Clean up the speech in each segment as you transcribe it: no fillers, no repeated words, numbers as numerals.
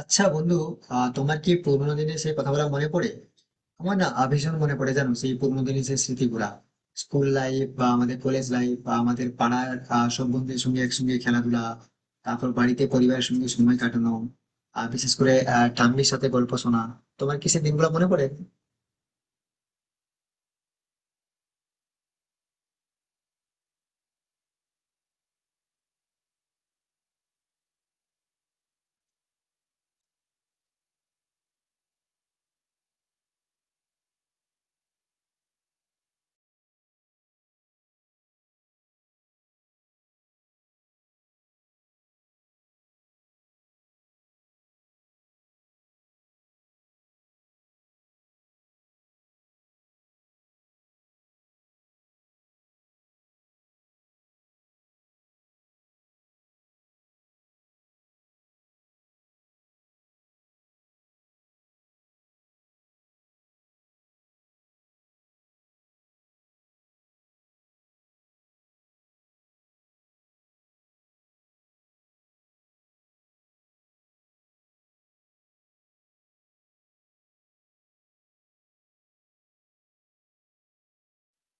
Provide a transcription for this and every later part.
আচ্ছা বন্ধু, তোমার কি পুরোনো দিনের সেই কথাগুলো মনে পড়ে? আমার না ভীষণ মনে পড়ে, জানো সেই পুরোনো দিনের সেই স্মৃতিগুলা। স্কুল লাইফ বা আমাদের কলেজ লাইফ বা আমাদের পাড়ার সব বন্ধুদের সঙ্গে একসঙ্গে খেলাধুলা। তারপর বাড়িতে পরিবারের সঙ্গে সময় কাটানো। আর বিশেষ করে ঠাম্মির সাথে গল্প শোনা। তোমার কি সেই দিনগুলো মনে পড়ে?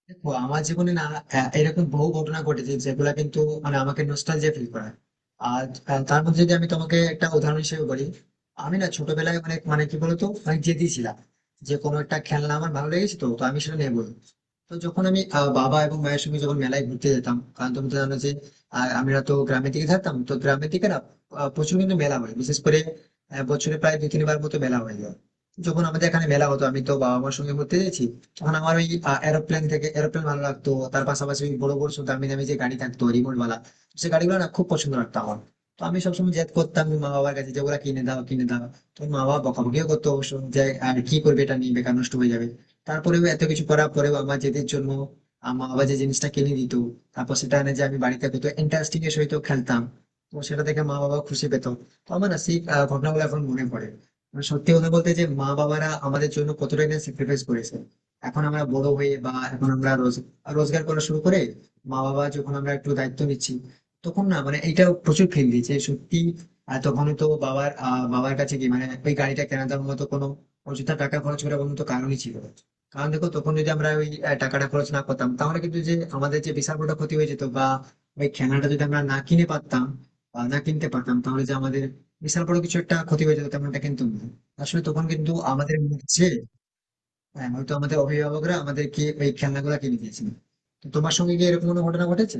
দেখো, আমার জীবনে না এরকম বহু ঘটনা ঘটেছে যেগুলো কিন্তু মানে আমাকে নস্টালজিয়া ফিল করায়। আর তার মধ্যে যদি আমি তোমাকে একটা উদাহরণ হিসেবে বলি। আমি না ছোটবেলায় অনেক, মানে কি বলতো, অনেক জেদি ছিলাম। যে কোনো একটা খেলনা আমার ভালো লেগেছে তো তো আমি সেটা নেবো। তো যখন আমি বাবা এবং মায়ের সঙ্গে যখন মেলায় ঘুরতে যেতাম, কারণ তুমি তো জানো যে আমরা তো গ্রামের দিকে থাকতাম, তো গ্রামের দিকে না প্রচুর কিন্তু মেলা হয়, বিশেষ করে বছরে প্রায় দু তিনবার মতো মেলা হয়ে যায়। যখন আমাদের এখানে মেলা হতো, আমি তো বাবা মার সঙ্গে ঘুরতে গেছি। তখন আমার ওই এরোপ্লেন, থেকে এরোপ্লেন ভালো লাগতো, তার পাশাপাশি ওই বড় বড় সব দামি দামি যে গাড়ি থাকতো, রিমোট ওয়ালা, সে গাড়িগুলো না খুব পছন্দ লাগতো আমার। তো আমি সবসময় জেদ করতাম মা বাবার কাছে যে ওরা কিনে দাও কিনে দাও। তো মা বাবা বকাবকিও করতো অবশ্য, যে আর কি করবে, এটা নিয়ে বেকার নষ্ট হয়ে যাবে। তারপরেও এত কিছু করার পরেও, আমার জেদের জন্য আমার বাবা যে জিনিসটা কিনে দিত, তারপর সেটা এনে যে আমি বাড়িতে কত ইন্টারেস্টিং এর সহিত খেলতাম, তো সেটা দেখে মা বাবা খুশি পেত। তো আমার না সেই ঘটনাগুলো এখন মনে পড়ে। মানে সত্যি কথা বলতে, যে মা বাবারা আমাদের জন্য কতটাই না স্যাক্রিফাইস করেছে। এখন আমরা বড় হয়ে, বা এখন আমরা রোজগার করা শুরু করে, মা বাবা, যখন আমরা একটু দায়িত্ব নিচ্ছি, তখন না মানে এটা প্রচুর ফিল দিয়েছে সত্যি। আর তখন তো বাবার বাবার কাছে কি মানে ওই গাড়িটা কেনার মতো কোনো অযথা টাকা খরচ করার কোনো তো কারণই ছিল না। কারণ দেখো, তখন যদি আমরা ওই টাকাটা খরচ না করতাম, তাহলে কিন্তু যে আমাদের যে বিশাল বড় ক্ষতি হয়ে যেত, বা ওই খেলনাটা যদি আমরা না কিনে পারতাম বা না কিনতে পারতাম, তাহলে যে আমাদের বিশাল বড় কিছু একটা ক্ষতি হয়ে যেত, তেমনটা কিন্তু না। আসলে তখন কিন্তু আমাদের মনে হচ্ছে হ্যাঁ, হয়তো আমাদের অভিভাবকরা আমাদেরকে ওই খেলনাগুলা কিনে দিয়েছিল। তো তোমার সঙ্গে কি এরকম কোনো ঘটনা ঘটেছে?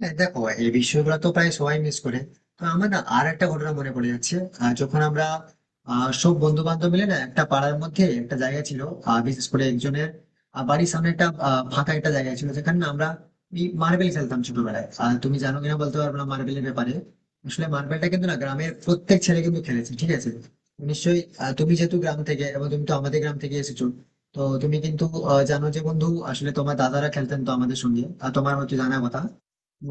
হ্যাঁ, দেখো, এই বিষয়গুলো তো প্রায় সবাই মিস করে। তো আমার না আর একটা ঘটনা মনে পড়ে যাচ্ছে। যখন আমরা সব বন্ধু বান্ধব মিলে না একটা পাড়ার মধ্যে একটা জায়গা ছিল, বিশেষ করে একজনের বাড়ির সামনে একটা ফাঁকা একটা জায়গা ছিল, যেখানে না আমরা মার্বেল খেলতাম ছোটবেলায়। আর তুমি জানো কিনা বলতে পারবো না মার্বেলের ব্যাপারে। আসলে মার্বেলটা কিন্তু না গ্রামের প্রত্যেক ছেলে কিন্তু খেলেছে, ঠিক আছে, নিশ্চয়ই তুমি যেহেতু গ্রাম থেকে, এবং তুমি তো আমাদের গ্রাম থেকে এসেছো, তো তুমি কিন্তু জানো। যে বন্ধু, আসলে তোমার দাদারা খেলতেন তো আমাদের সঙ্গে, আর তোমার হয়তো জানা কথা। তো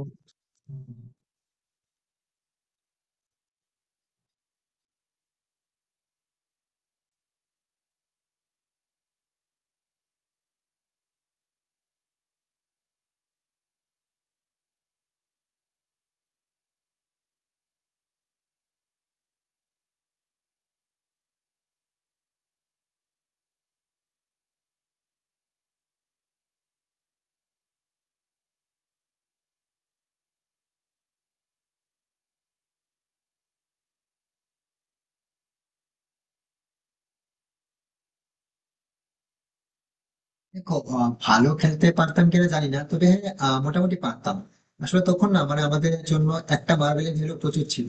দেখো, ভালো খেলতে পারতাম কিনা জানি না, তবে হ্যাঁ, মোটামুটি পারতাম। আসলে তখন না মানে আমাদের জন্য একটা মার্বেলের ভ্যালু প্রচুর ছিল।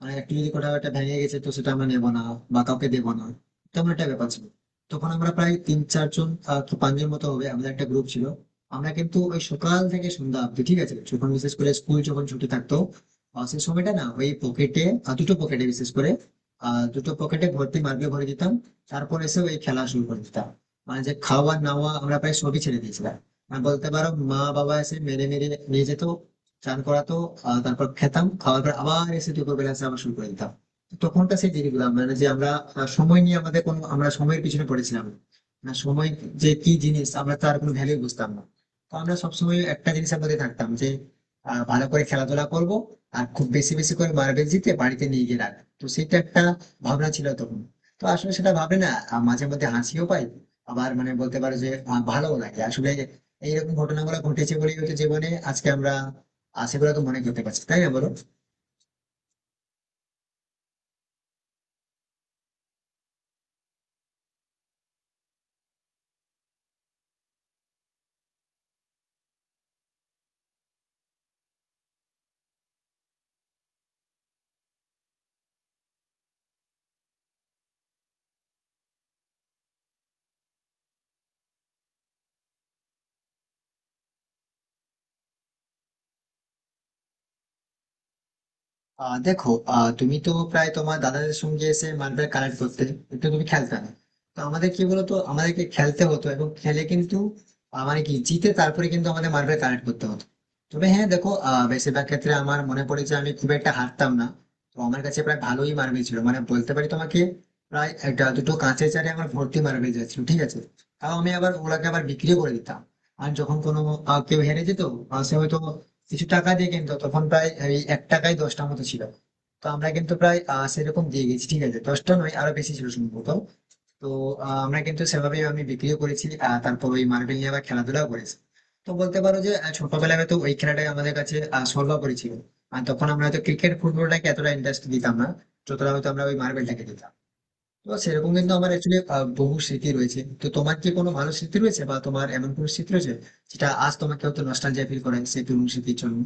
মানে একটু যদি কোথাও একটা ভেঙে গেছে তো সেটা আমরা নেবো না বা কাউকে দেবো না, তেমন একটা ব্যাপার ছিল। তখন আমরা প্রায় তিন চারজন, কি পাঁচজন মতো হবে, আমাদের একটা গ্রুপ ছিল। আমরা কিন্তু ওই সকাল থেকে সন্ধ্যা অব্দি, ঠিক আছে, যখন বিশেষ করে স্কুল যখন ছুটি থাকতো, সেই সময়টা না ওই পকেটে, দুটো পকেটে, বিশেষ করে দুটো পকেটে ভর্তি মার্কে ভরে দিতাম। তারপর এসে ওই খেলা শুরু করে দিতাম। মানে যে খাওয়া নাওয়া আমরা প্রায় সবই ছেড়ে দিয়েছিলাম। আর বলতে পারো মা বাবা এসে মেরে মেরে নিয়ে যেত, চান করাতো, তারপর খেতাম। খাওয়ার পর আবার এসে দুপুরবেলা এসে আবার শুরু করে দিতাম। তো তখনকার সেই জিনিসগুলো, মানে যে আমরা সময় নিয়ে আমাদের কোনো, আমরা সময়ের পিছনে পড়েছিলাম না। না, সময় যে কি জিনিস আমরা তার কোনো ভ্যালু বুঝতাম না। তো আমরা সবসময় একটা জিনিসের মধ্যে থাকতাম যে ভালো করে খেলাধুলা করব আর খুব বেশি বেশি করে মার্বেল জিতে বাড়িতে নিয়ে গিয়ে রাখবো, তো সেটা একটা ভাবনা ছিল তখন। তো আসলে সেটা ভাবে না মাঝে মধ্যে হাসিও পাই, আবার মানে বলতে পারো যে ভালোও লাগে আসলে। এইরকম ঘটনাগুলো ঘটেছে বলেই হয়তো জীবনে আজকে আমরা সেগুলো তো মনে করতে পারছি, তাই না বলো? দেখো, তুমি তো প্রায় তোমার দাদাদের সঙ্গে এসে মার্বেল কালেক্ট করতে, কিন্তু তুমি খেলতে না। তো আমাদের কি বলতো, আমাদেরকে খেলতে হতো এবং খেলে কিন্তু মানে কি জিতে, তারপরে কিন্তু আমাদের মার্বেল কালেক্ট করতে হতো। তবে হ্যাঁ, দেখো, বেশিরভাগ ক্ষেত্রে আমার মনে পড়ে যে আমি খুব একটা হারতাম না। তো আমার কাছে প্রায় ভালোই মার্বেল ছিল, মানে বলতে পারি তোমাকে প্রায় একটা দুটো কাঁচের চারে আমার ভর্তি মার্বেল যাচ্ছিল, ঠিক আছে। তাও আমি আবার ওগুলাকে আবার বিক্রিও করে দিতাম। আর যখন কোনো কেউ হেরে যেত, সে হয়তো কিছু টাকা দিয়ে, কিন্তু তখন প্রায় এই 1 টাকায় 10টার মতো ছিল। তো আমরা কিন্তু প্রায় সেরকম দিয়ে গেছি, ঠিক আছে, 10টা নয় আরো বেশি ছিল সম্ভবত। তো আমরা কিন্তু সেভাবে আমি বিক্রিও করেছি, তারপর ওই মার্বেল নিয়ে আবার খেলাধুলাও করেছি। তো বলতে পারো যে ছোটবেলায় হয়তো ওই খেলাটাই আমাদের কাছে সর্বোপরি ছিল। আর তখন আমরা হয়তো ক্রিকেট ফুটবলটাকে এতটা ইন্টারেস্ট দিতাম না যতটা হয়তো আমরা ওই মার্বেলটাকে দিতাম। তো সেরকম কিন্তু আমার অ্যাকচুয়ালি বহু স্মৃতি রয়েছে। তো তোমার কি কোনো ভালো স্মৃতি রয়েছে, বা তোমার এমন কোনো স্মৃতি রয়েছে যেটা আজ তোমাকে হয়তো নস্টালজিয়া ফিল করেন সেই পুরনো স্মৃতির জন্য?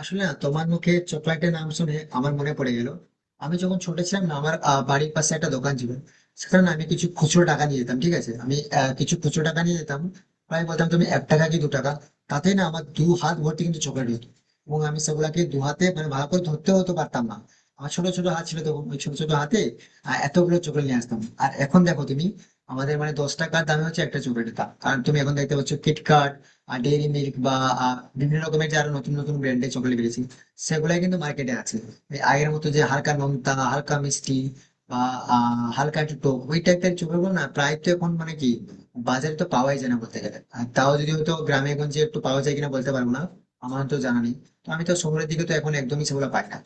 আসলে না তোমার মুখে চকলেটের নাম শুনে আমার মনে পড়ে গেল। আমি যখন ছোট ছিলাম না, আমার বাড়ির পাশে একটা দোকান ছিল। সেখানে না আমি কিছু খুচরো টাকা নিয়ে যেতাম, ঠিক আছে, আমি কিছু খুচরো টাকা নিয়ে যেতাম, প্রায় বলতাম তুমি 1 টাকা কি 2 টাকা। তাতে না আমার দু হাত ভর্তি কিন্তু চকলেট হতো, এবং আমি সেগুলাকে দু হাতে মানে ভালো করে ধরতে হতো পারতাম না। আমার ছোট ছোট হাত ছিল তখন, ওই ছোট ছোট হাতে এতগুলো চকলেট নিয়ে আসতাম। আর এখন দেখো তুমি, আমাদের মানে 10 টাকার দামে হচ্ছে একটা চকলেটের দাম, কারণ তুমি এখন দেখতে পাচ্ছ কিটক্যাট, ডেইরি মিল্ক বা বিভিন্ন রকমের যে আরো নতুন নতুন ব্র্যান্ডের চকলেট বেরিয়েছে, সেগুলাই কিন্তু মার্কেটে আছে। এই আগের মতো যে হালকা নোনতা হালকা মিষ্টি বা হালকা একটু টক ওই টাইপের চকলেটগুলো না প্রায় তো এখন মানে কি বাজারে তো পাওয়াই যায় না বলতে গেলে। আর তাও যদি হয়তো গ্রামে গঞ্জে একটু পাওয়া যায় কিনা বলতে পারবো না, আমার তো জানা নেই। তো আমি তো শহরের দিকে তো এখন একদমই সেগুলো পাই না।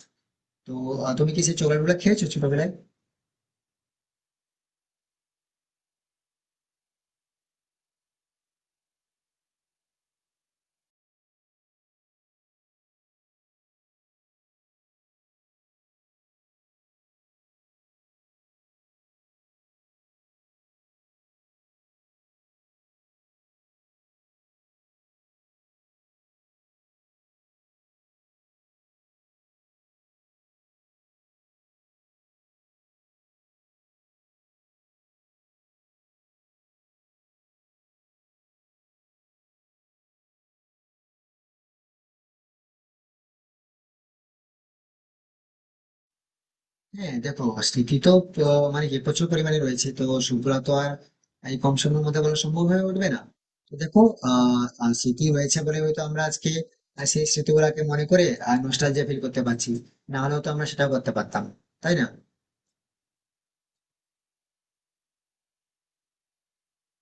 তো তুমি কি সেই চকলেট গুলো খেয়েছো ছোটবেলায়? হ্যাঁ, দেখো, স্মৃতি তো মানে কি প্রচুর পরিমাণে রয়েছে, তো সেগুলো তো আর এই কম সময়ের মধ্যে বলা সম্ভব হয়ে উঠবে না। তো দেখো, আহ আহ, স্মৃতি হয়েছে বলে হয়তো আমরা আজকে সেই স্মৃতিগুলাকে মনে করে আর নস্টালজিয়া ফিল করতে পারছি, না হলেও তো আমরা সেটা করতে পারতাম, তাই না?